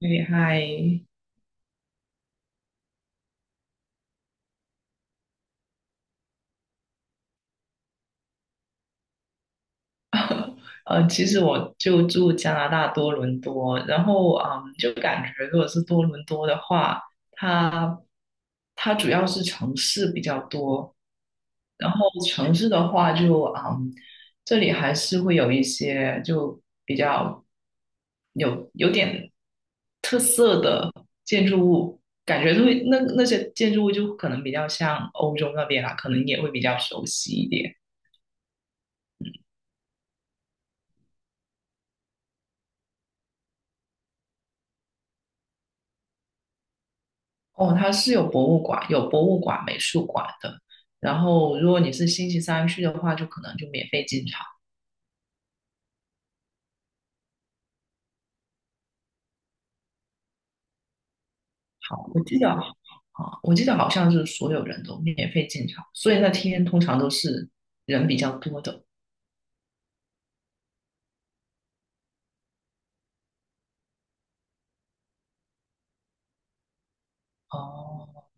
厉害。其实我就住加拿大多伦多。然后就感觉如果是多伦多的话，它它主要是城市比较多。然后城市的话就这里还是会有一些就比较有点特色的建筑物，感觉会那些建筑物就可能比较像欧洲那边啦，可能也会比较熟悉一点。哦，它是有博物馆、美术馆的。然后，如果你是星期三去的话，就可能就免费进场。好，我记得好像是所有人都免费进场，所以那天通常都是人比较多的。哦，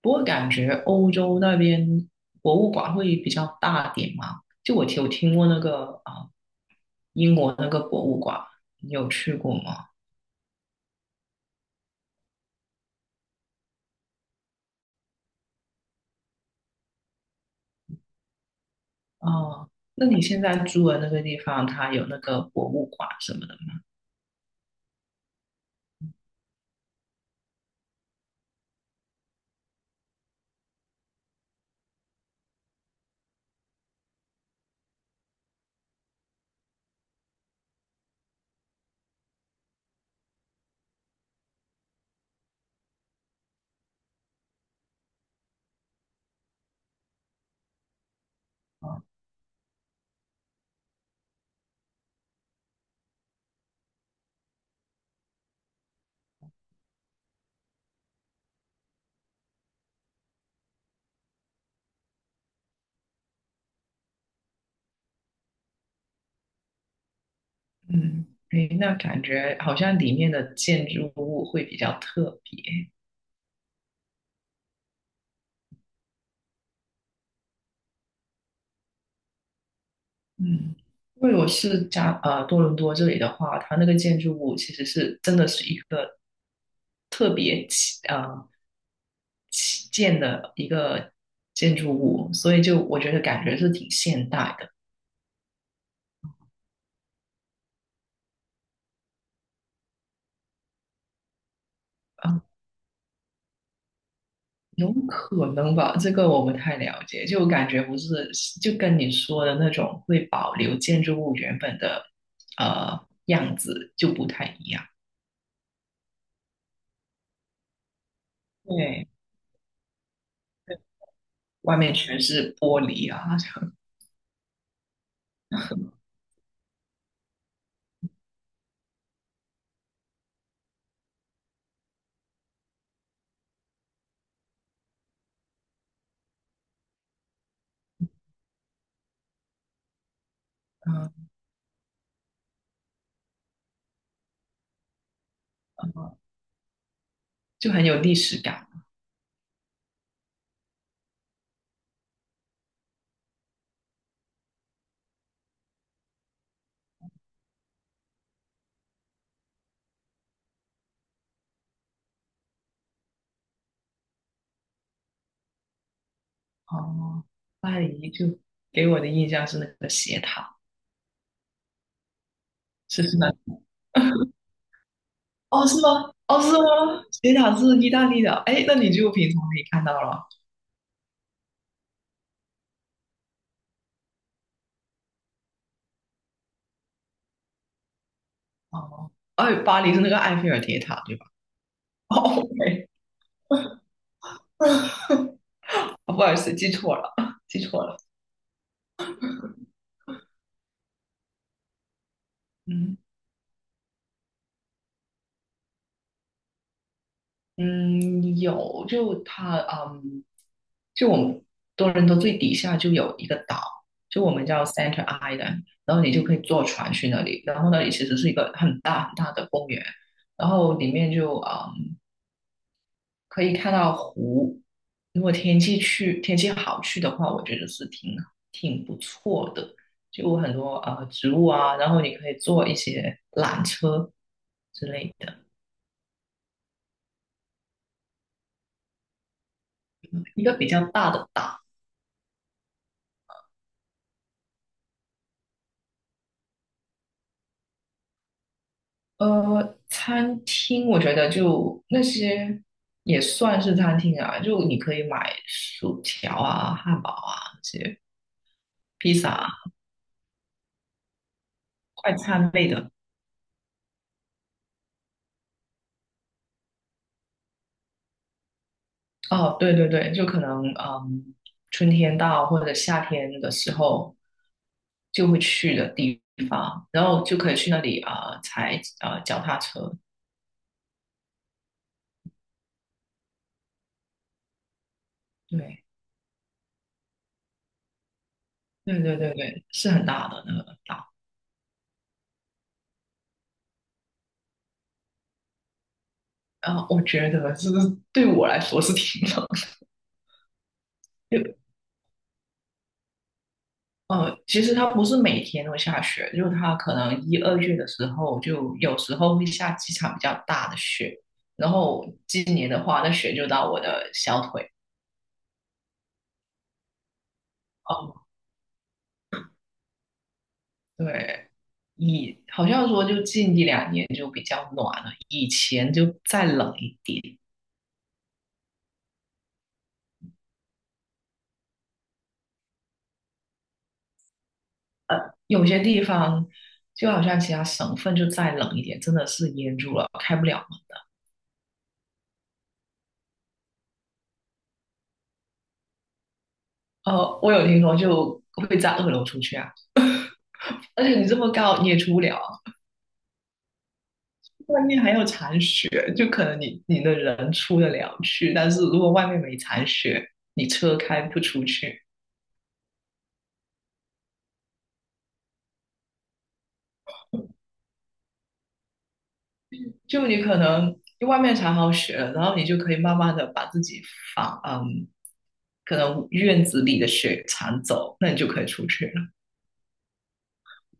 不过感觉欧洲那边博物馆会比较大点嘛？就我有听过那个啊，英国那个博物馆，你有去过吗？哦，那你现在住的那个地方，它有那个博物馆什么的吗？嗯，诶，那感觉好像里面的建筑物会比较特别。嗯，因为我是多伦多这里的话，它那个建筑物其实是真的是一个特别起建的一个建筑物，所以就我觉得感觉是挺现代的。啊，有可能吧，这个我不太了解，就感觉不是就跟你说的那种会保留建筑物原本的呃样子就不太一样。对。外面全是玻璃啊。嗯，就很有历史感。哦，巴黎就给我的印象是那个斜塔。是是那哦，是吗？哦，是吗？斜塔是意大利的，哎，那你就平常可以看到了。哦，哎，巴黎是那个埃菲尔铁塔，对吧？哦 o 哦 不好意思，记错了，记错了。嗯嗯，有，就它，嗯，就我们多伦多最底下就有一个岛，就我们叫 Center Island，然后你就可以坐船去那里，然后那里其实是一个很大很大的公园，然后里面就可以看到湖。如果天气好去的话，我觉得是挺不错的。就很多植物啊，然后你可以坐一些缆车之类的，一个比较大的岛。餐厅我觉得就那些也算是餐厅啊，就你可以买薯条啊、汉堡啊那些、披萨啊、快餐类的。哦，对对对，就可能春天到或者夏天的时候就会去的地方，然后就可以去那里啊、踩啊脚踏车。对对对对对，是很大的那个岛。然后我觉得就是对我来说是挺冷。其实它不是每天都下雪，就它可能一二月的时候，就有时候会下几场比较大的雪。然后今年的话，那雪就到我的小腿。哦，对，好像说就近一两年就比较暖了，以前就再冷一点。有些地方就好像其他省份就再冷一点，真的是淹住了，开不了门。我有听说就会在二楼出去啊，而且你这么高你也出不了。外面还有残雪，就可能你的人出得了去，但是如果外面没残雪，你车开不出去，就你可能因为外面铲好雪了，然后你就可以慢慢的把自己房嗯，可能院子里的雪铲走，那你就可以出去了。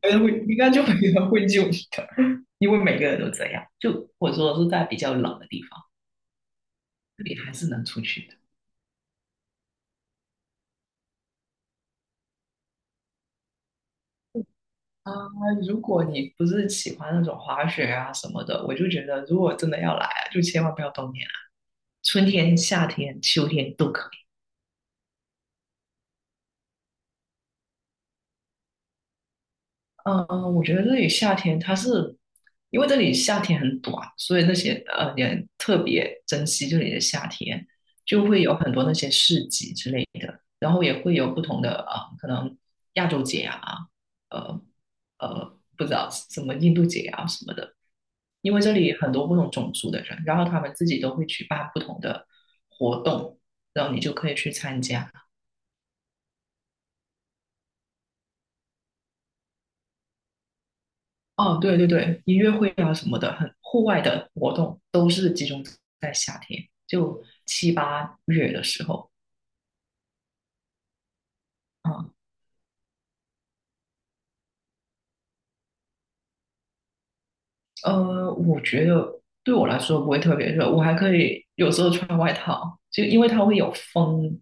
哎，会应该就没人会救你的，因为每个人都这样。就或者说的是在比较冷的地方，你还是能出去。的。啊，如果你不是喜欢那种滑雪啊什么的，我就觉得如果真的要来啊就千万不要冬天啊，春天、夏天、秋天都可以。嗯嗯，我觉得这里夏天它是，因为这里夏天很短，所以那些人特别珍惜这里的夏天，就会有很多那些市集之类的，然后也会有不同的啊，可能亚洲节啊，呃不知道什么印度节啊什么的，因为这里很多不同种族的人，然后他们自己都会举办不同的活动，然后你就可以去参加。哦，对对对，音乐会啊什么的，很户外的活动都是集中在夏天，就七八月的时候。啊，我觉得对我来说不会特别热，我还可以有时候穿外套，就因为它会有风，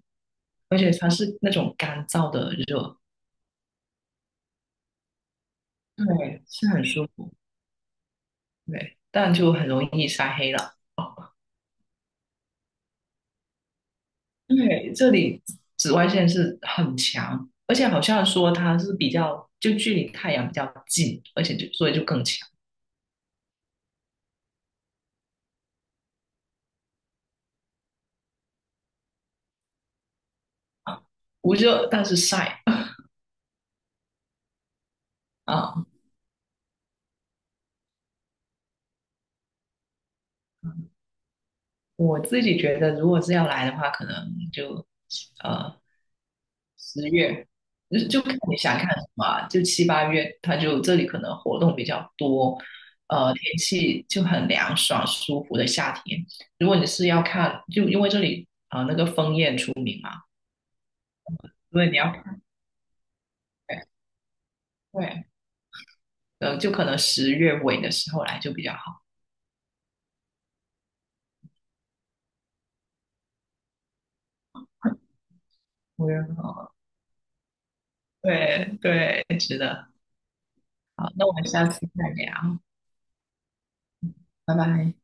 而且它是那种干燥的热。对，是很舒服。对，但就很容易晒黑了。对，这里紫外线是很强，而且好像说它是比较，就距离太阳比较近，而且就所以就更强啊，不热但是晒啊。我自己觉得，如果是要来的话，可能就呃十月，就看你想看什么啊就七八月，它就这里可能活动比较多。天气就很凉爽舒服的夏天。如果你是要看，就因为这里，因为你要对。就可能十月尾的时候来就比较好。五月份，对对，值得。好，那我们下次再聊，拜拜。